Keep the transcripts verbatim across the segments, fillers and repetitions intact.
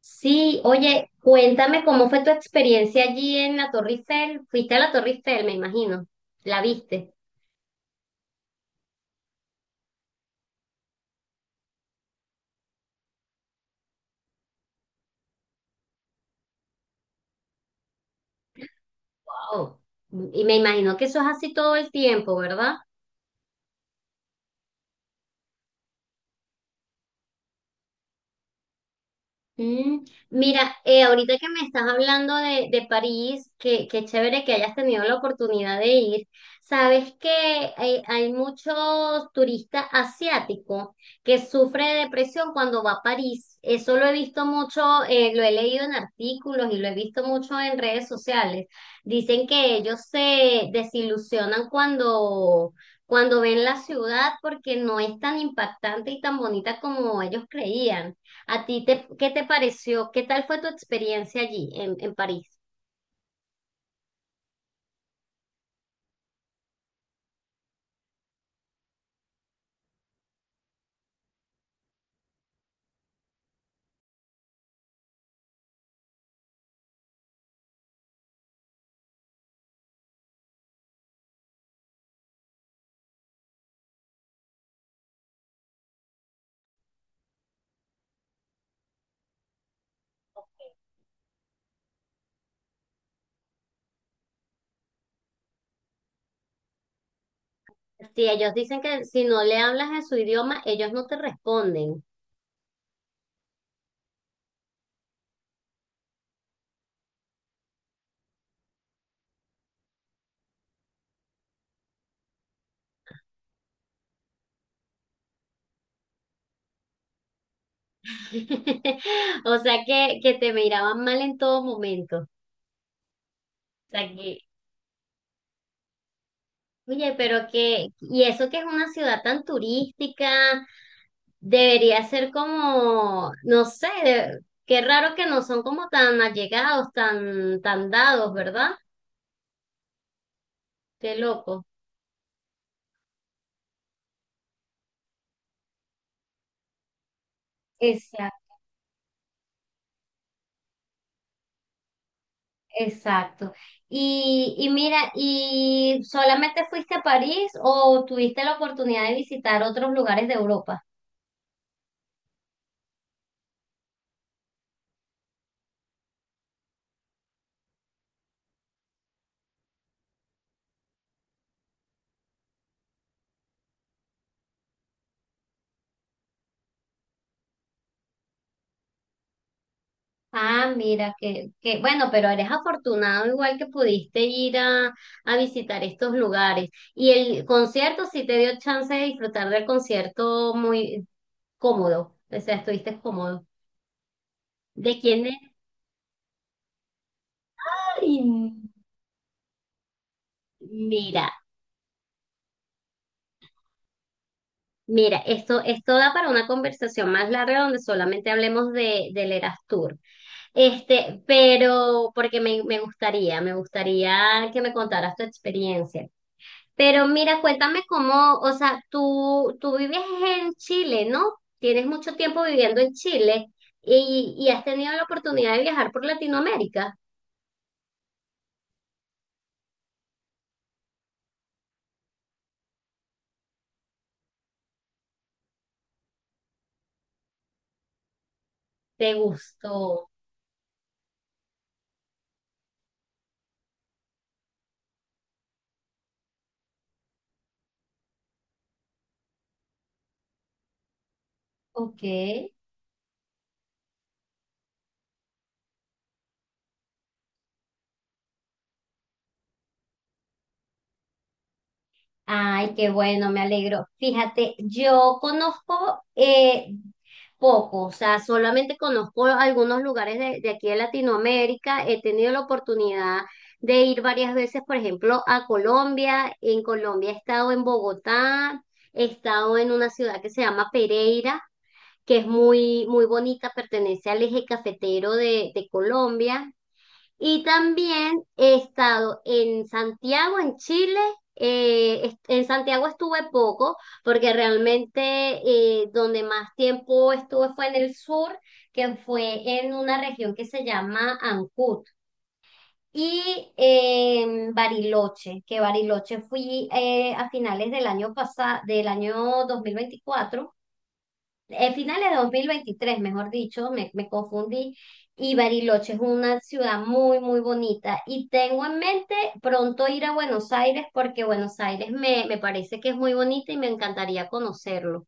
Sí, oye, cuéntame cómo fue tu experiencia allí en la Torre Eiffel. Fuiste a la Torre Eiffel, me imagino. La viste. Wow. Y me imagino que eso es así todo el tiempo, ¿verdad? Mm, Mira, eh, ahorita que me estás hablando de, de París, qué, qué chévere que hayas tenido la oportunidad de ir. Sabes que hay, hay muchos turistas asiáticos que sufren de depresión cuando va a París. Eso lo he visto mucho, eh, lo he leído en artículos y lo he visto mucho en redes sociales. Dicen que ellos se desilusionan cuando, cuando ven la ciudad porque no es tan impactante y tan bonita como ellos creían. ¿A ti te, qué te pareció? ¿Qué tal fue tu experiencia allí en, en París? Si ellos dicen que si no le hablas en su idioma, ellos no te responden. O sea que, que te miraban mal en todo momento. O sea que, oye, pero que, y eso que es una ciudad tan turística, debería ser como, no sé, de- qué raro que no son como tan allegados, tan, tan dados, ¿verdad? Qué loco. Exacto. Exacto. Y, y mira, ¿y solamente fuiste a París o tuviste la oportunidad de visitar otros lugares de Europa? Ah, mira, que, que bueno, pero eres afortunado igual que pudiste ir a, a visitar estos lugares. Y el concierto sí te dio chance de disfrutar del concierto muy cómodo, o sea, estuviste cómodo. ¿De quién es? Ay, Mira, mira, esto, esto da para una conversación más larga donde solamente hablemos de, del Eras Tour. Este, pero porque me, me gustaría, me gustaría que me contaras tu experiencia. Pero mira, cuéntame cómo, o sea, tú, tú vives en Chile, ¿no? Tienes mucho tiempo viviendo en Chile y, y has tenido la oportunidad de viajar por Latinoamérica. ¿Te gustó? Ok. Ay, qué bueno, me alegro. Fíjate, yo conozco eh, poco, o sea, solamente conozco algunos lugares de, de aquí de Latinoamérica. He tenido la oportunidad de ir varias veces, por ejemplo, a Colombia. En Colombia he estado en Bogotá, he estado en una ciudad que se llama Pereira, que es muy, muy bonita, pertenece al eje cafetero de, de Colombia. Y también he estado en Santiago, en Chile. eh, est- en Santiago estuve poco porque realmente eh, donde más tiempo estuve fue en el sur, que fue en una región que se llama Ancud. Y eh, en Bariloche, que Bariloche fui eh, a finales del año pasado, del año dos mil veinticuatro, eh, finales de dos mil veintitrés, mejor dicho, me, me confundí, y Bariloche es una ciudad muy, muy bonita. Y tengo en mente pronto ir a Buenos Aires porque Buenos Aires me, me parece que es muy bonita y me encantaría conocerlo.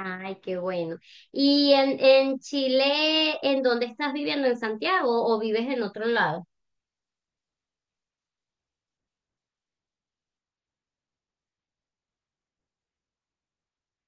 Ay, qué bueno. ¿Y en, en Chile, en dónde estás viviendo? ¿En Santiago o vives en otro lado?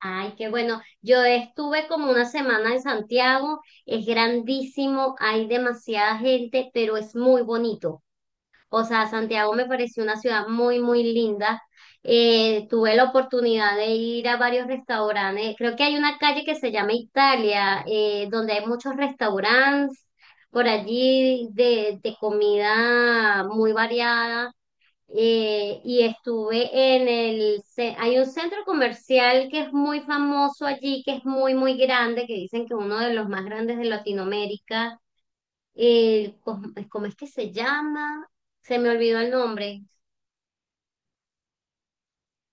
Ay, qué bueno. Yo estuve como una semana en Santiago, es grandísimo, hay demasiada gente, pero es muy bonito. O sea, Santiago me pareció una ciudad muy, muy linda. Eh, tuve la oportunidad de ir a varios restaurantes. Creo que hay una calle que se llama Italia, eh, donde hay muchos restaurantes por allí de, de comida muy variada. Eh, y estuve en el... ce- hay un centro comercial que es muy famoso allí, que es muy, muy grande, que dicen que uno de los más grandes de Latinoamérica. El, ¿cómo pues, cómo es que se llama? Se me olvidó el nombre.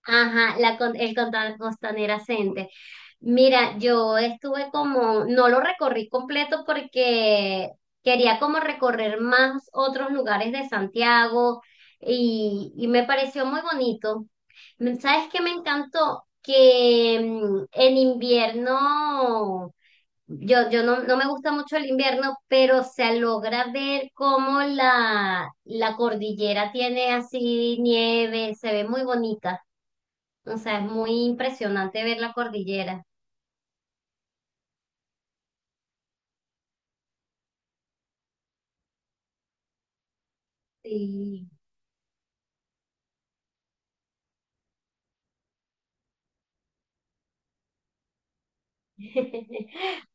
Ajá, la, con- el Condado Costanera Center. Mira, yo estuve como, no lo recorrí completo porque quería como recorrer más otros lugares de Santiago y, y me pareció muy bonito. ¿Sabes qué me encantó? Que mm, en invierno, Yo, yo no, no me gusta mucho el invierno, pero se logra ver cómo la, la cordillera tiene así nieve, se ve muy bonita. O sea, es muy impresionante ver la cordillera. Sí.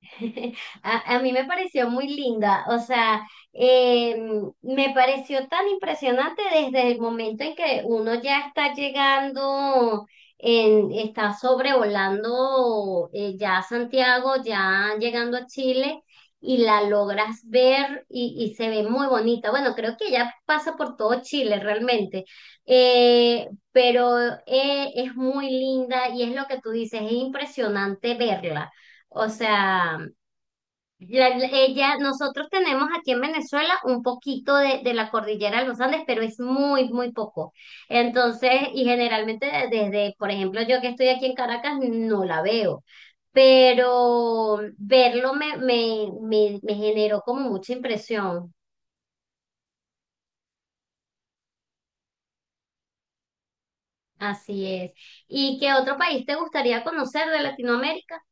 A, a mí me pareció muy linda, o sea, eh, me pareció tan impresionante desde el momento en que uno ya está llegando, en, está sobrevolando eh, ya Santiago, ya llegando a Chile y la logras ver y, y se ve muy bonita. Bueno, creo que ya pasa por todo Chile realmente, eh, pero eh, es muy linda y es lo que tú dices, es impresionante verla. O sea, la- la- ella, nosotros tenemos aquí en Venezuela un poquito de, de la cordillera de los Andes, pero es muy, muy poco. Entonces, y generalmente de- desde, por ejemplo, yo que estoy aquí en Caracas, no la veo, pero verlo me, me, me, me generó como mucha impresión. Así es. ¿Y qué otro país te gustaría conocer de Latinoamérica?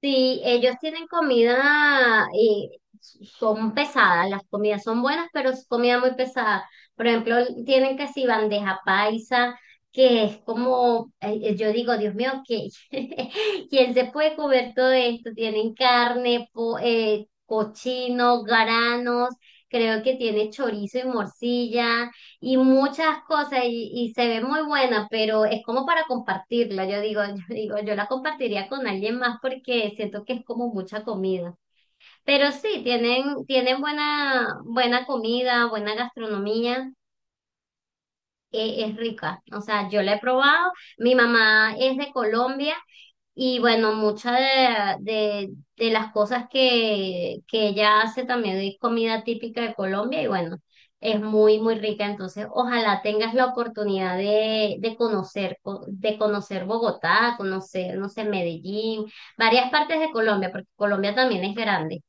Sí, ellos tienen comida y son pesadas, las comidas son buenas, pero es comida muy pesada. Por ejemplo, tienen casi bandeja paisa, que es como, eh, eh, yo digo, Dios mío, que ¿quién se puede comer todo esto? Tienen carne, po- eh, cochino, garanos, creo que tiene chorizo y morcilla, y muchas cosas y, y se ve muy buena, pero es como para compartirla. Yo digo, yo digo, yo la compartiría con alguien más porque siento que es como mucha comida. Pero sí, tienen, tienen buena, buena comida, buena gastronomía, e- es rica. O sea, yo la he probado. Mi mamá es de Colombia y bueno, muchas de, de, de las cosas que, que ella hace también es comida típica de Colombia y bueno, es muy, muy rica. Entonces, ojalá tengas la oportunidad de, de conocer, co- de conocer Bogotá, conocer, no sé, Medellín, varias partes de Colombia, porque Colombia también es grande.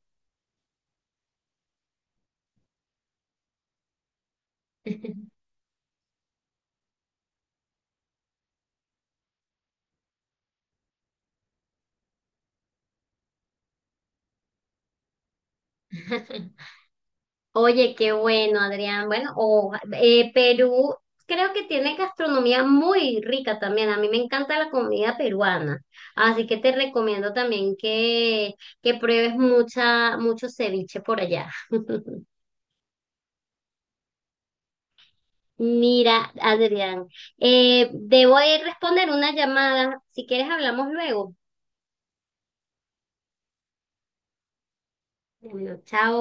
Oye, qué bueno, Adrián. Bueno, o eh, Perú creo que tiene gastronomía muy rica también. A mí me encanta la comida peruana. Así que te recomiendo también que, que pruebes mucha, mucho ceviche por allá. Mira, Adrián, eh, debo ir a responder una llamada. Si quieres, hablamos luego. Bueno, chao.